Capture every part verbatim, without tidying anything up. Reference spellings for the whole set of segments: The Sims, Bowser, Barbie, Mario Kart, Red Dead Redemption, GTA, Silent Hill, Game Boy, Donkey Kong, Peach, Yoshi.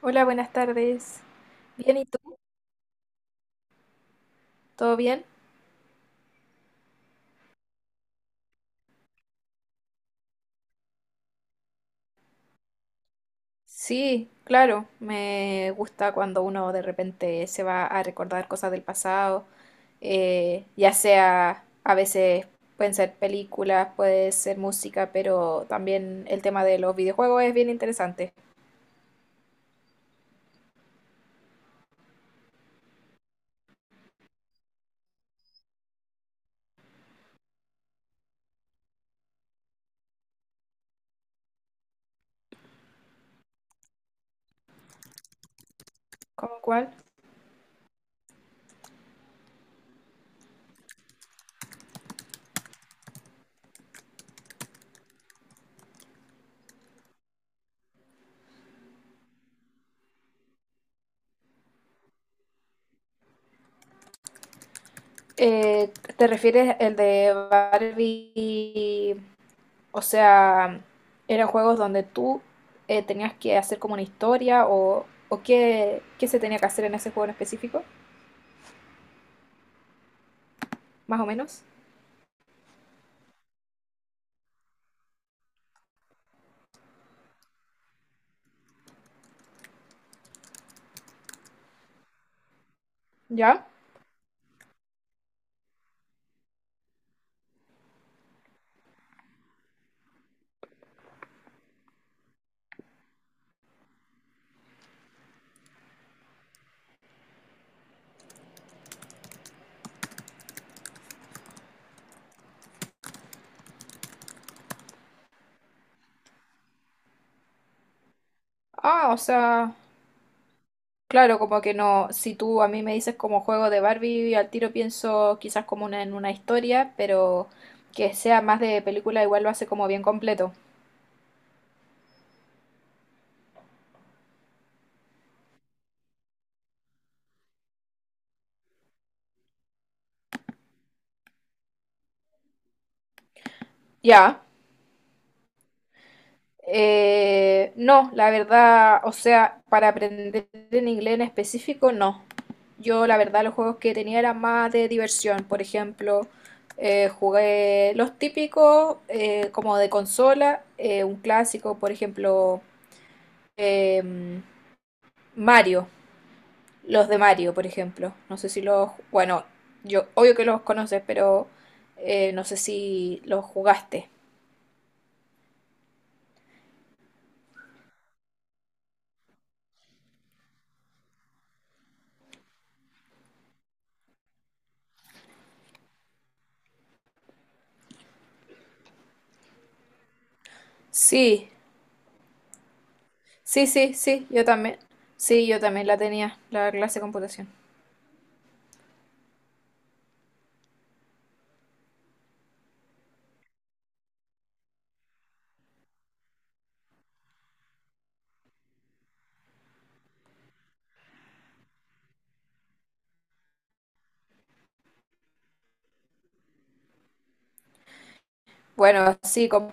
Hola, buenas tardes. ¿Bien y tú? ¿Todo bien? Sí, claro, me gusta cuando uno de repente se va a recordar cosas del pasado, eh, ya sea a veces pueden ser películas, puede ser música, pero también el tema de los videojuegos es bien interesante. ¿Cómo cuál? Eh, ¿te refieres el de Barbie? O sea, eran juegos donde tú eh, tenías que hacer como una historia o, o qué, qué se tenía que hacer en ese juego en específico, más o menos. ¿Ya? Ah, o sea, claro, como que no, si tú a mí me dices como juego de Barbie, al tiro pienso quizás como una, en una historia, pero que sea más de película igual lo hace como bien completo. Ya. Eh, no, la verdad, o sea, para aprender en inglés en específico, no. Yo, la verdad, los juegos que tenía eran más de diversión. Por ejemplo, eh, jugué los típicos eh, como de consola, eh, un clásico, por ejemplo, em, Mario, los de Mario, por ejemplo. No sé si los, bueno, yo obvio que los conoces, pero eh, no sé si los jugaste. Sí, sí, sí, sí, yo también. Sí, yo también la tenía, la clase de computación. Bueno, sí, como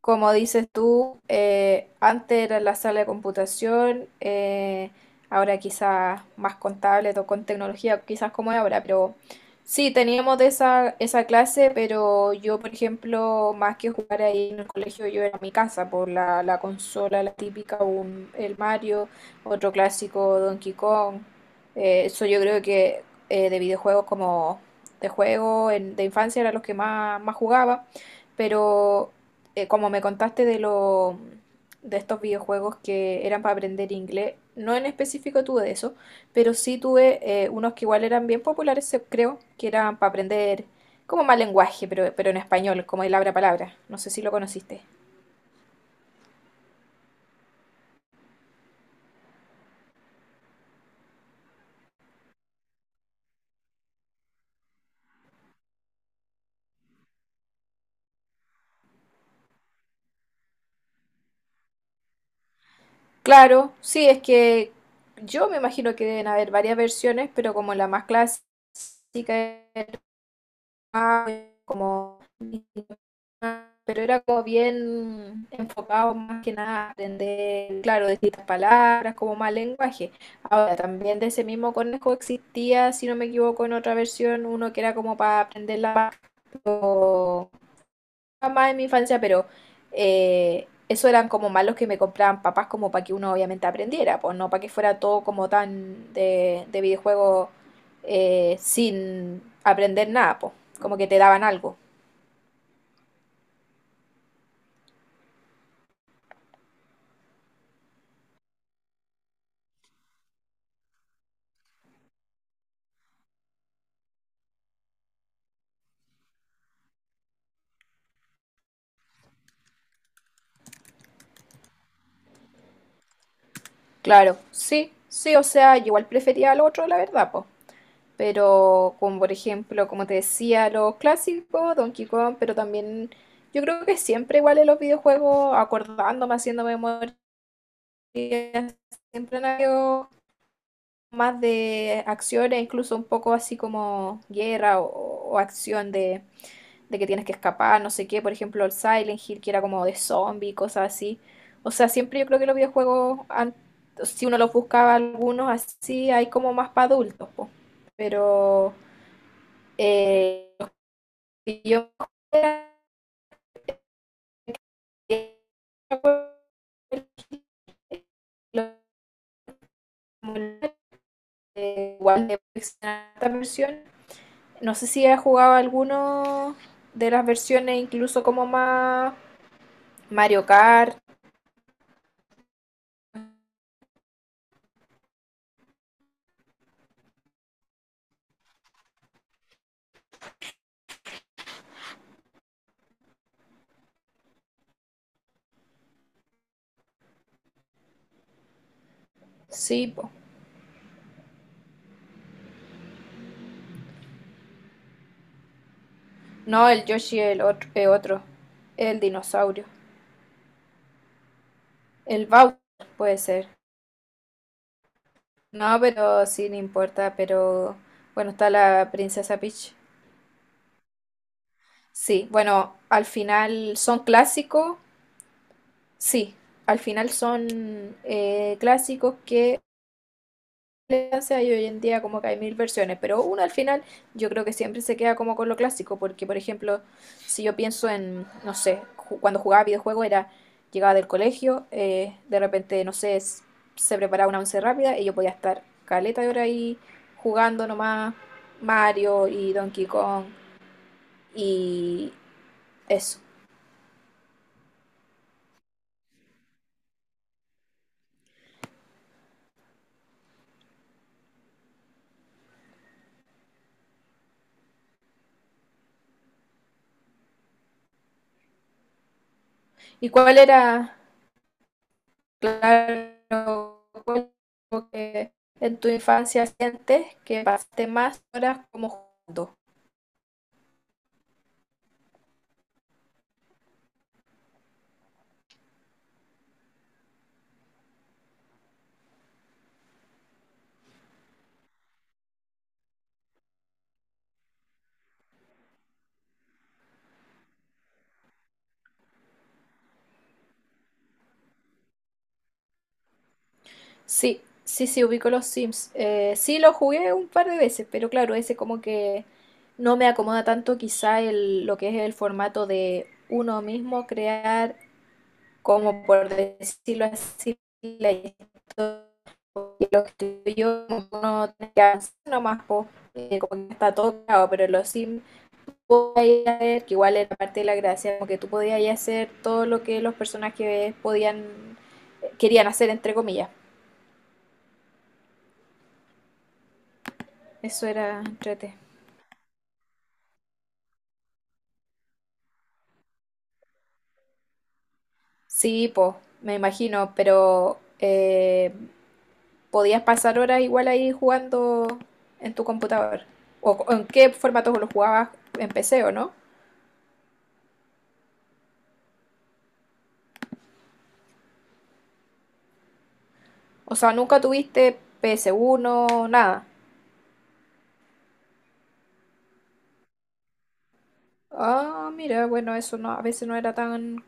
como dices tú, eh, antes era la sala de computación, eh, ahora quizás más contable o con tecnología, quizás como es ahora, pero sí, teníamos de esa, esa clase, pero yo, por ejemplo, más que jugar ahí en el colegio, yo era en mi casa por la, la consola, la típica, un, el Mario, otro clásico, Donkey Kong. Eh, eso yo creo que eh, de videojuegos como de juego en- de infancia era los que más, más jugaba, pero eh, como me contaste de lo, de estos videojuegos que eran para aprender inglés, no en específico tuve de eso, pero sí tuve eh, unos que igual eran bien populares, se- creo, que eran para aprender como más lenguaje, pero, pero en español, como el abra palabra. No sé si lo conociste. Claro, sí, es que yo me imagino que deben haber varias versiones, pero como la más clásica era, como pero era como bien enfocado más que nada a aprender, claro, distintas palabras, como más lenguaje. Ahora, también de ese mismo conejo existía, si no me equivoco, en otra versión, uno que era como para aprender la paz, más en mi infancia, pero eh, eso eran como malos que me compraban papás como para que uno obviamente aprendiera, pues no para que fuera todo como tan de, de videojuego eh, sin aprender nada, pues como que te daban algo. Claro, sí, sí, o sea, yo igual prefería al otro, la verdad, pues. Pero, como por ejemplo, como te decía, los clásicos, Donkey Kong, pero también yo creo que siempre igual en los videojuegos, acordándome, haciendo memoria, siempre han habido más de acciones, incluso un poco así como guerra o, o acción de, de que tienes que escapar, no sé qué, por ejemplo, el Silent Hill, que era como de zombie, cosas así. O sea, siempre yo creo que los videojuegos, an- si uno los buscaba algunos así, hay como más para adultos, po. Pero eh, los que yo era- eh, igual de esta versión. No sé si has jugado alguno de las versiones, incluso como más Mario Kart, sí, po. No, el Yoshi es el otro, el otro, el dinosaurio. El Bowser puede ser. No, pero sí, no importa, pero bueno, está la princesa Peach. Sí, bueno, al final son clásicos, sí, al final son eh, clásicos que elegancia y hoy en día como que hay mil versiones, pero uno al final yo creo que siempre se queda como con lo clásico, porque por ejemplo, si yo pienso en, no sé, ju- cuando jugaba videojuego era, llegaba del colegio, eh, de repente, no sé, s- se preparaba una once rápida y yo podía estar caleta de hora ahí jugando nomás Mario y Donkey Kong y eso. ¿Y cuál era, claro, cuál como que en tu infancia sientes que pasaste más horas como jugando? Sí, sí, sí, ubico los Sims. Eh, sí, lo jugué un par de veces, pero claro, ese como que no me acomoda tanto quizá el, lo que es el formato de uno mismo crear, como por decirlo así, la historia, porque lo que yo no tiene que hacer nomás, po, eh, como que está todo creado, pero en los Sims podía ver que igual era parte de la gracia, como que tú podías ahí hacer todo lo que los personajes podían, querían hacer, entre comillas. Eso era entrete. Sí, po, me imagino, pero eh, podías pasar horas igual ahí jugando en tu computador. ¿O co- en qué formato lo jugabas, en P C o no? O sea, nunca tuviste ps uno nada. Ah, mira, bueno, eso no, a veces no era tan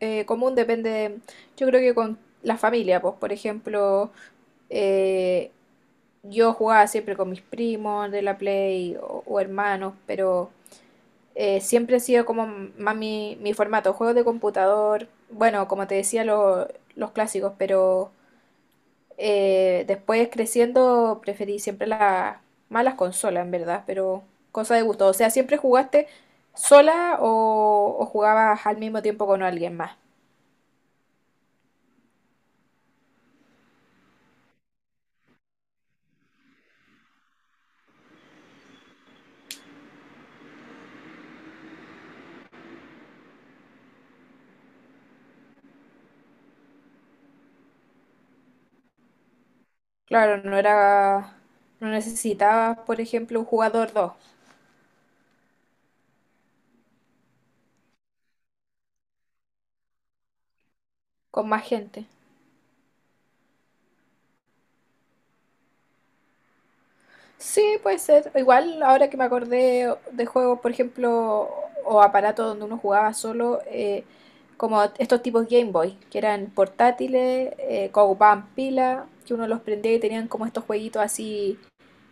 eh, común, depende de- yo creo que con la familia, pues, por ejemplo, eh, yo jugaba siempre con mis primos de la Play o o hermanos, pero... Eh, siempre ha sido como más mi, mi formato, juegos de computador, bueno, como te decía, lo- los clásicos, pero eh, después creciendo preferí siempre las más las consolas, en verdad, pero cosa de gusto. O sea, ¿siempre jugaste sola o, o jugabas al mismo tiempo con alguien más? Claro, no era, no necesitabas, por ejemplo, un jugador dos con más gente. Sí, puede ser. Igual ahora que me acordé de juegos, por ejemplo, o aparatos donde uno jugaba solo, eh, como estos tipos Game Boy, que eran portátiles, eh, que ocupaban pila, que uno los prendía y tenían como estos jueguitos así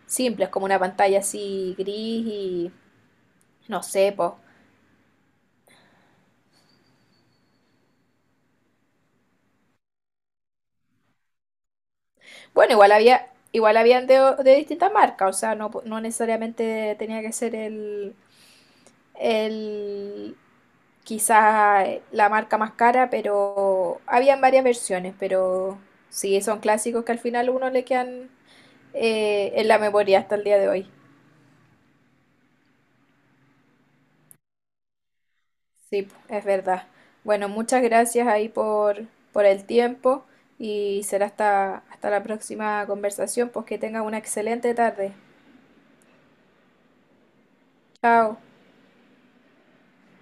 simples, como una pantalla así gris y no sé, pues. Bueno, igual había, igual habían de, de distintas marcas, o sea, no, no necesariamente tenía que ser el, el quizás eh, la marca más cara, pero habían varias versiones, pero sí, son clásicos que al final a uno le quedan eh, en la memoria hasta el día de hoy. Sí, po, es verdad. Bueno, muchas gracias ahí por, por el tiempo y será hasta, hasta la próxima conversación, pues que tengan una excelente tarde. Chao.